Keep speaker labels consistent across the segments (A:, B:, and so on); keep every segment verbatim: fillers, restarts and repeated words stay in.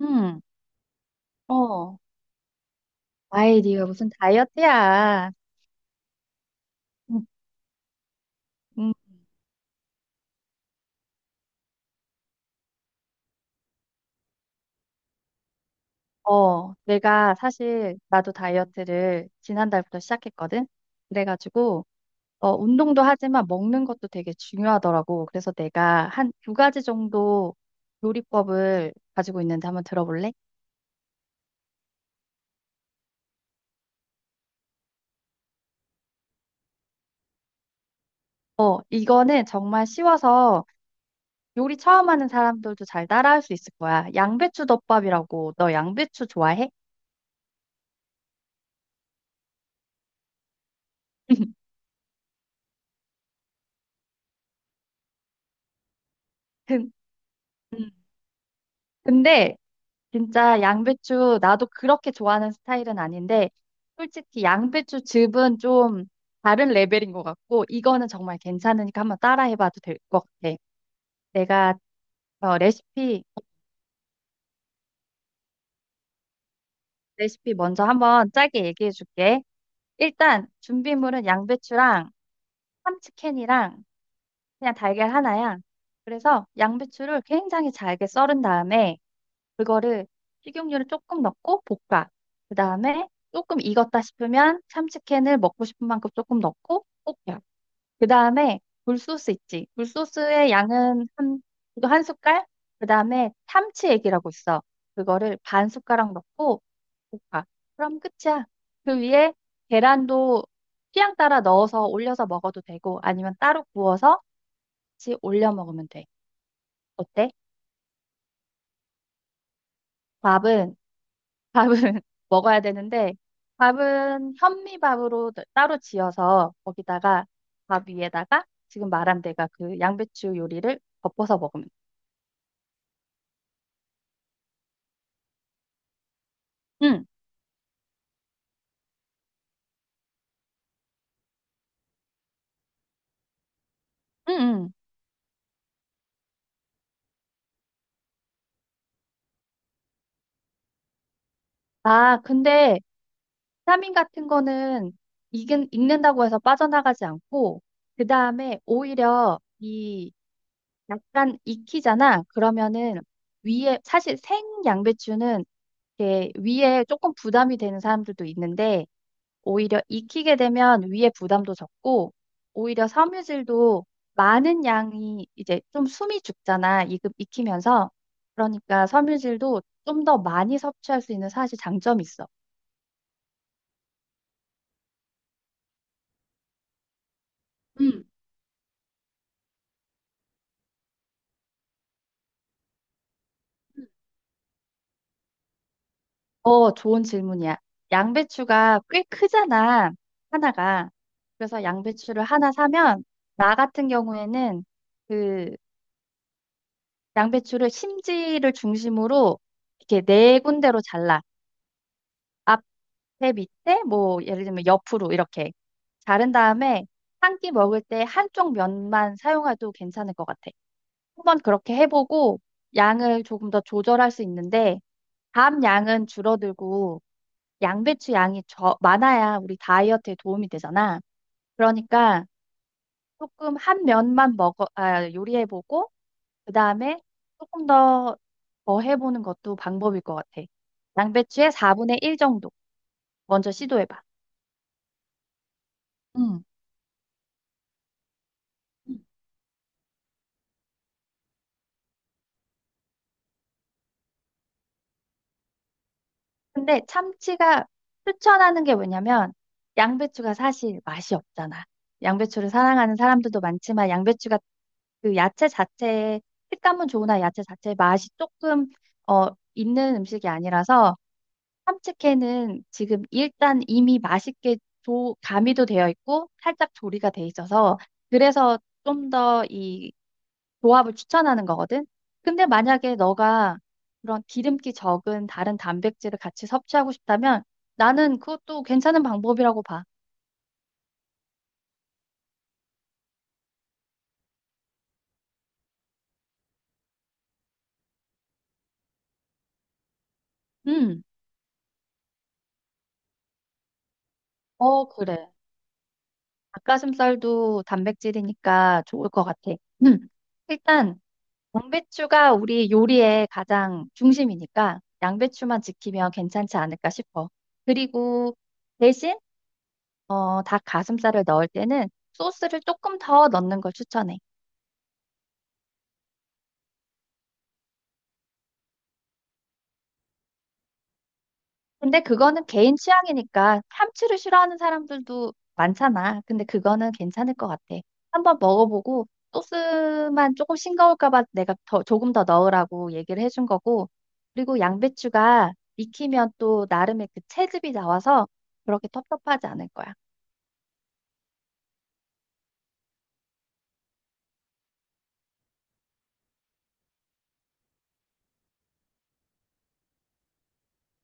A: 응, 어, 아이, 네가 무슨 다이어트야. 음, 음, 어, 내가 사실 나도 다이어트를 지난달부터 시작했거든. 그래가지고 어, 운동도 하지만 먹는 것도 되게 중요하더라고. 그래서 내가 한 두 가지 정도 요리법을 가지고 있는데 한번 들어볼래? 어, 이거는 정말 쉬워서 요리 처음 하는 사람들도 잘 따라할 수 있을 거야. 양배추 덮밥이라고 너 양배추 좋아해? 근- 음. 근데 진짜 양배추 나도 그렇게 좋아하는 스타일은 아닌데 솔직히 양배추 즙은 좀 다른 레벨인 것 같고 이거는 정말 괜찮으니까 한번 따라해봐도 될 것 같아. 내가 어, 레시피 레시피 먼저 한번 짧게 얘기해줄게. 일단 준비물은 양배추랑 참치캔이랑 그냥 달걀 하나야. 그래서 양배추를 굉장히 잘게 썰은 다음에 그거를 식용유를 조금 넣고 볶아. 그 다음에 조금 익었다 싶으면 참치캔을 먹고 싶은 만큼 조금 넣고 볶아. 그 다음에 굴소스 있지. 굴소스의 양은 한, 이거 한 숟갈? 그 다음에 참치액이라고 있어. 그거를 반 숟가락 넣고 볶아. 그럼 끝이야. 그 위에 계란도 취향 따라 넣어서 올려서 먹어도 되고 아니면 따로 구워서 같이 올려 먹으면 돼. 어때? 밥은 밥은 먹어야 되는데 밥은 현미밥으로 따- 따로 지어서 거기다가 밥 위에다가 지금 말한 데가 그 양배추 요리를 덮어서 먹으면 돼. 응, 응, 응. 아, 근데 비타민 같은 거는 익은, 익는다고 해서 빠져나가지 않고 그 다음에 오히려 이 약간 익히잖아. 그러면은 위에 사실 생 양배추는 이렇게 위에 조금 부담이 되는 사람들도 있는데 오히려 익히게 되면 위에 부담도 적고, 오히려 섬유질도 많은 양이 이제 좀 숨이 죽잖아. 익, 익히면서. 그러니까 섬유질도 좀 더 많이 섭취할 수 있는 사실 장점이 있어. 음. 어, 좋은 질문이야. 양배추가 꽤 크잖아, 하나가. 그래서 양배추를 하나 사면, 나 같은 경우에는 그 양배추를 심지를 중심으로 이렇게 네 군데로 잘라. 앞에 밑에 뭐 예를 들면 옆으로 이렇게 자른 다음에 한 끼 먹을 때 한쪽 면만 사용해도 괜찮을 것 같아. 한번 그렇게 해보고 양을 조금 더 조절할 수 있는데 다음 양은 줄어들고 양배추 양이 저, 많아야 우리 다이어트에 도움이 되잖아. 그러니까 조금 한 면만 먹어, 아, 요리해보고 그 다음에 조금 더 더 해보는 것도 방법일 것 같아. 양배추의 사분의 일 정도. 먼저 시도해봐. 응. 근데 참치가 추천하는 게 뭐냐면 양배추가 사실 맛이 없잖아. 양배추를 사랑하는 사람들도 많지만 양배추가 그 야채 자체의 식감은 좋으나 야채 자체의 맛이 조금 어 있는 음식이 아니라서 참치캔은 지금 일단 이미 맛있게 조, 가미도 되어 있고 살짝 조리가 돼 있어서 그래서 좀 더 이 조합을 추천하는 거거든. 근데 만약에 너가 그런 기름기 적은 다른 단백질을 같이 섭취하고 싶다면 나는 그것도 괜찮은 방법이라고 봐. 음, 어, 그래. 닭가슴살도 단백질이니까 좋을 것 같아. 음, 일단 양배추가 우리 요리의 가장 중심이니까 양배추만 지키면 괜찮지 않을까 싶어. 그리고 대신 어, 닭가슴살을 넣을 때는 소스를 조금 더 넣는 걸 추천해. 근데 그거는 개인 취향이니까 참치를 싫어하는 사람들도 많잖아. 근데 그거는 괜찮을 것 같아. 한번 먹어보고 소스만 조금 싱거울까 봐 내가 더, 조금 더 넣으라고 얘기를 해준 거고. 그리고 양배추가 익히면 또 나름의 그 채즙이 나와서 그렇게 텁텁하지 않을 거야.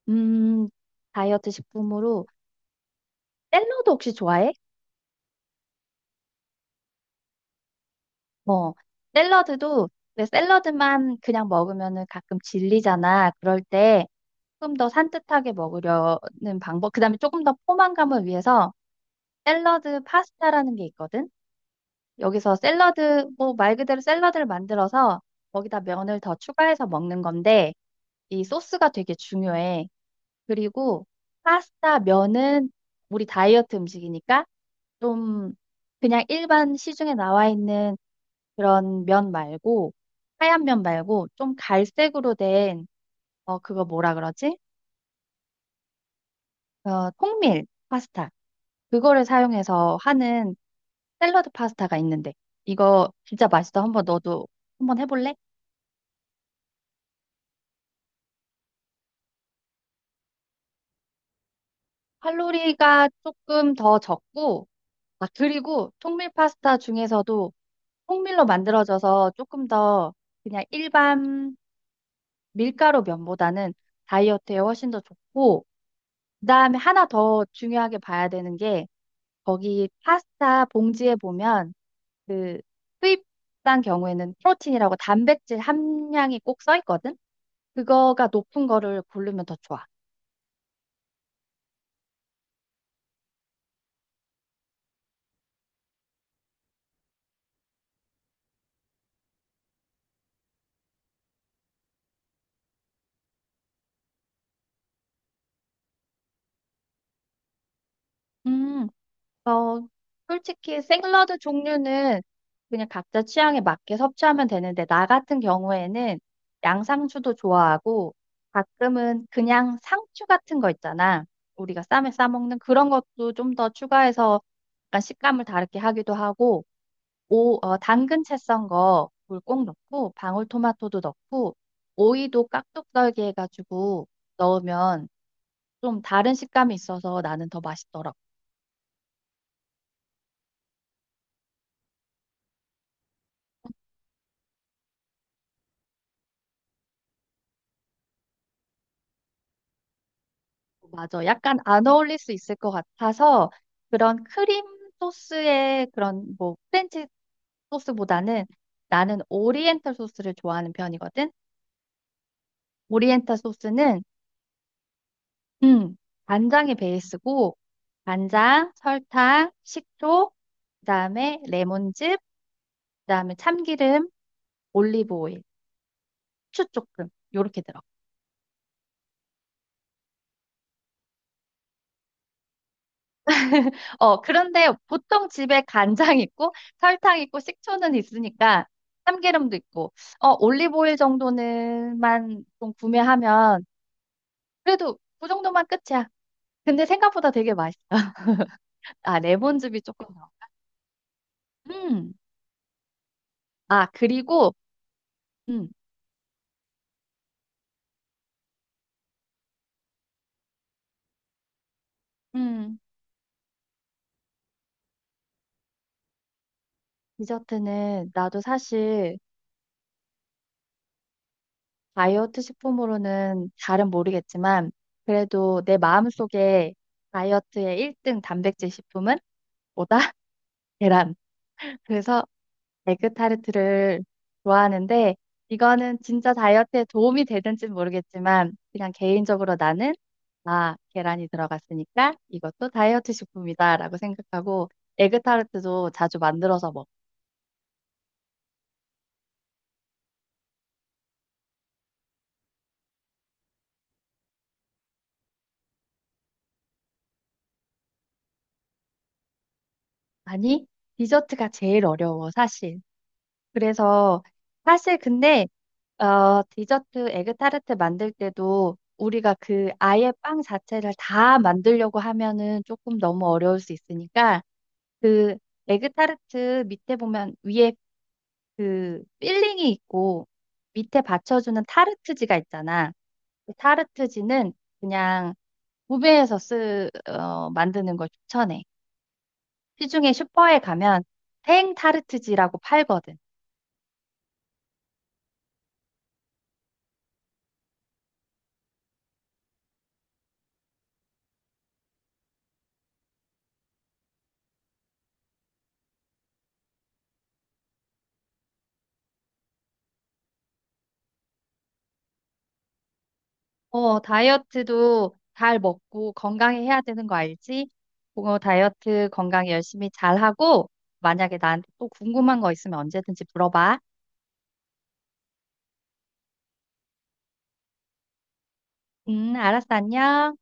A: 음, 다이어트 식품으로 샐러드 혹시 좋아해? 어, 샐러드도 근데 샐러드만 그냥 먹으면은 가끔 질리잖아. 그럴 때 조금 더 산뜻하게 먹으려는 방법. 그다음에 조금 더 포만감을 위해서 샐러드 파스타라는 게 있거든. 여기서 샐러드, 뭐 말 그대로 샐러드를 만들어서 거기다 면을 더 추가해서 먹는 건데 이 소스가 되게 중요해. 그리고 파스타 면은 우리 다이어트 음식이니까 좀 그냥 일반 시중에 나와 있는 그런 면 말고 하얀 면 말고 좀 갈색으로 된 어 그거 뭐라 그러지? 어, 통밀 파스타. 그거를 사용해서 하는 샐러드 파스타가 있는데, 이거 진짜 맛있어. 한번 너도 한번 해볼래? 칼로리가 조금 더 적고, 아, 그리고 통밀 파스타 중에서도 통밀로 만들어져서 조금 더 그냥 일반 밀가루 면보다는 다이어트에 훨씬 더 좋고, 그다음에 하나 더 중요하게 봐야 되는 게 거기 파스타 봉지에 보면 그 수입산 경우에는 프로틴이라고 단백질 함량이 꼭 써 있거든? 그거가 높은 거를 고르면 더 좋아. 음, 어, 솔직히 샐러드 종류는 그냥 각자 취향에 맞게 섭취하면 되는데, 나 같은 경우에는 양상추도 좋아하고, 가끔은 그냥 상추 같은 거 있잖아. 우리가 쌈에 싸먹는 그런 것도 좀 더 추가해서 약간 식감을 다르게 하기도 하고, 오, 어, 당근 채 썬 거 물 꼭 넣고 방울토마토도 넣고 오이도 깍둑 썰기 해가지고 넣으면 좀 다른 식감이 있어서 나는 더 맛있더라고. 맞아. 약간 안 어울릴 수 있을 것 같아서 그런 크림 소스의 그런 뭐 프렌치 소스보다는 나는 오리엔탈 소스를 좋아하는 편이거든. 오리엔탈 소스는 음, 간장이 베이스고 간장, 설탕, 식초, 그다음에 레몬즙 그다음에 참기름, 올리브 오일, 후추 조금 요렇게 들어. 어, 그런데 보통 집에 간장 있고 설탕 있고 식초는 있으니까 참기름도 있고 어, 올리브 오일 정도는만 좀 구매하면 그래도 그 정도만 끝이야. 근데 생각보다 되게 맛있어. 아, 레몬즙이 조금 더. 음. 아, 그리고 음. 음. 디저트는 나도 사실 다이어트 식품으로는 잘은 모르겠지만, 그래도 내 마음속에 다이어트의 일 등 단백질 식품은 뭐다? 계란. 그래서 에그타르트를 좋아하는데, 이거는 진짜 다이어트에 도움이 되는지는 모르겠지만, 그냥 개인적으로 나는, 아, 계란이 들어갔으니까 이것도 다이어트 식품이다라고 생각하고, 에그타르트도 자주 만들어서 먹. 아니, 디저트가 제일 어려워, 사실. 그래서 사실 근데 어, 디저트 에그타르트 만들 때도 우리가 그 아예 빵 자체를 다 만들려고 하면은 조금 너무 어려울 수 있으니까 그 에그타르트 밑에 보면 위에 그 필링이 있고 밑에 받쳐주는 타르트지가 있잖아. 그 타르트지는 그냥 구매해서 쓰, 어, 만드는 걸 추천해. 시중에 슈퍼에 가면 생 타르트지라고 팔거든. 어, 다이어트도 잘 먹고 건강히 해야 되는 거 알지? 그거 다이어트 건강 열심히 잘하고, 만약에 나한테 또 궁금한 거 있으면 언제든지 물어봐. 음, 알았어, 안녕.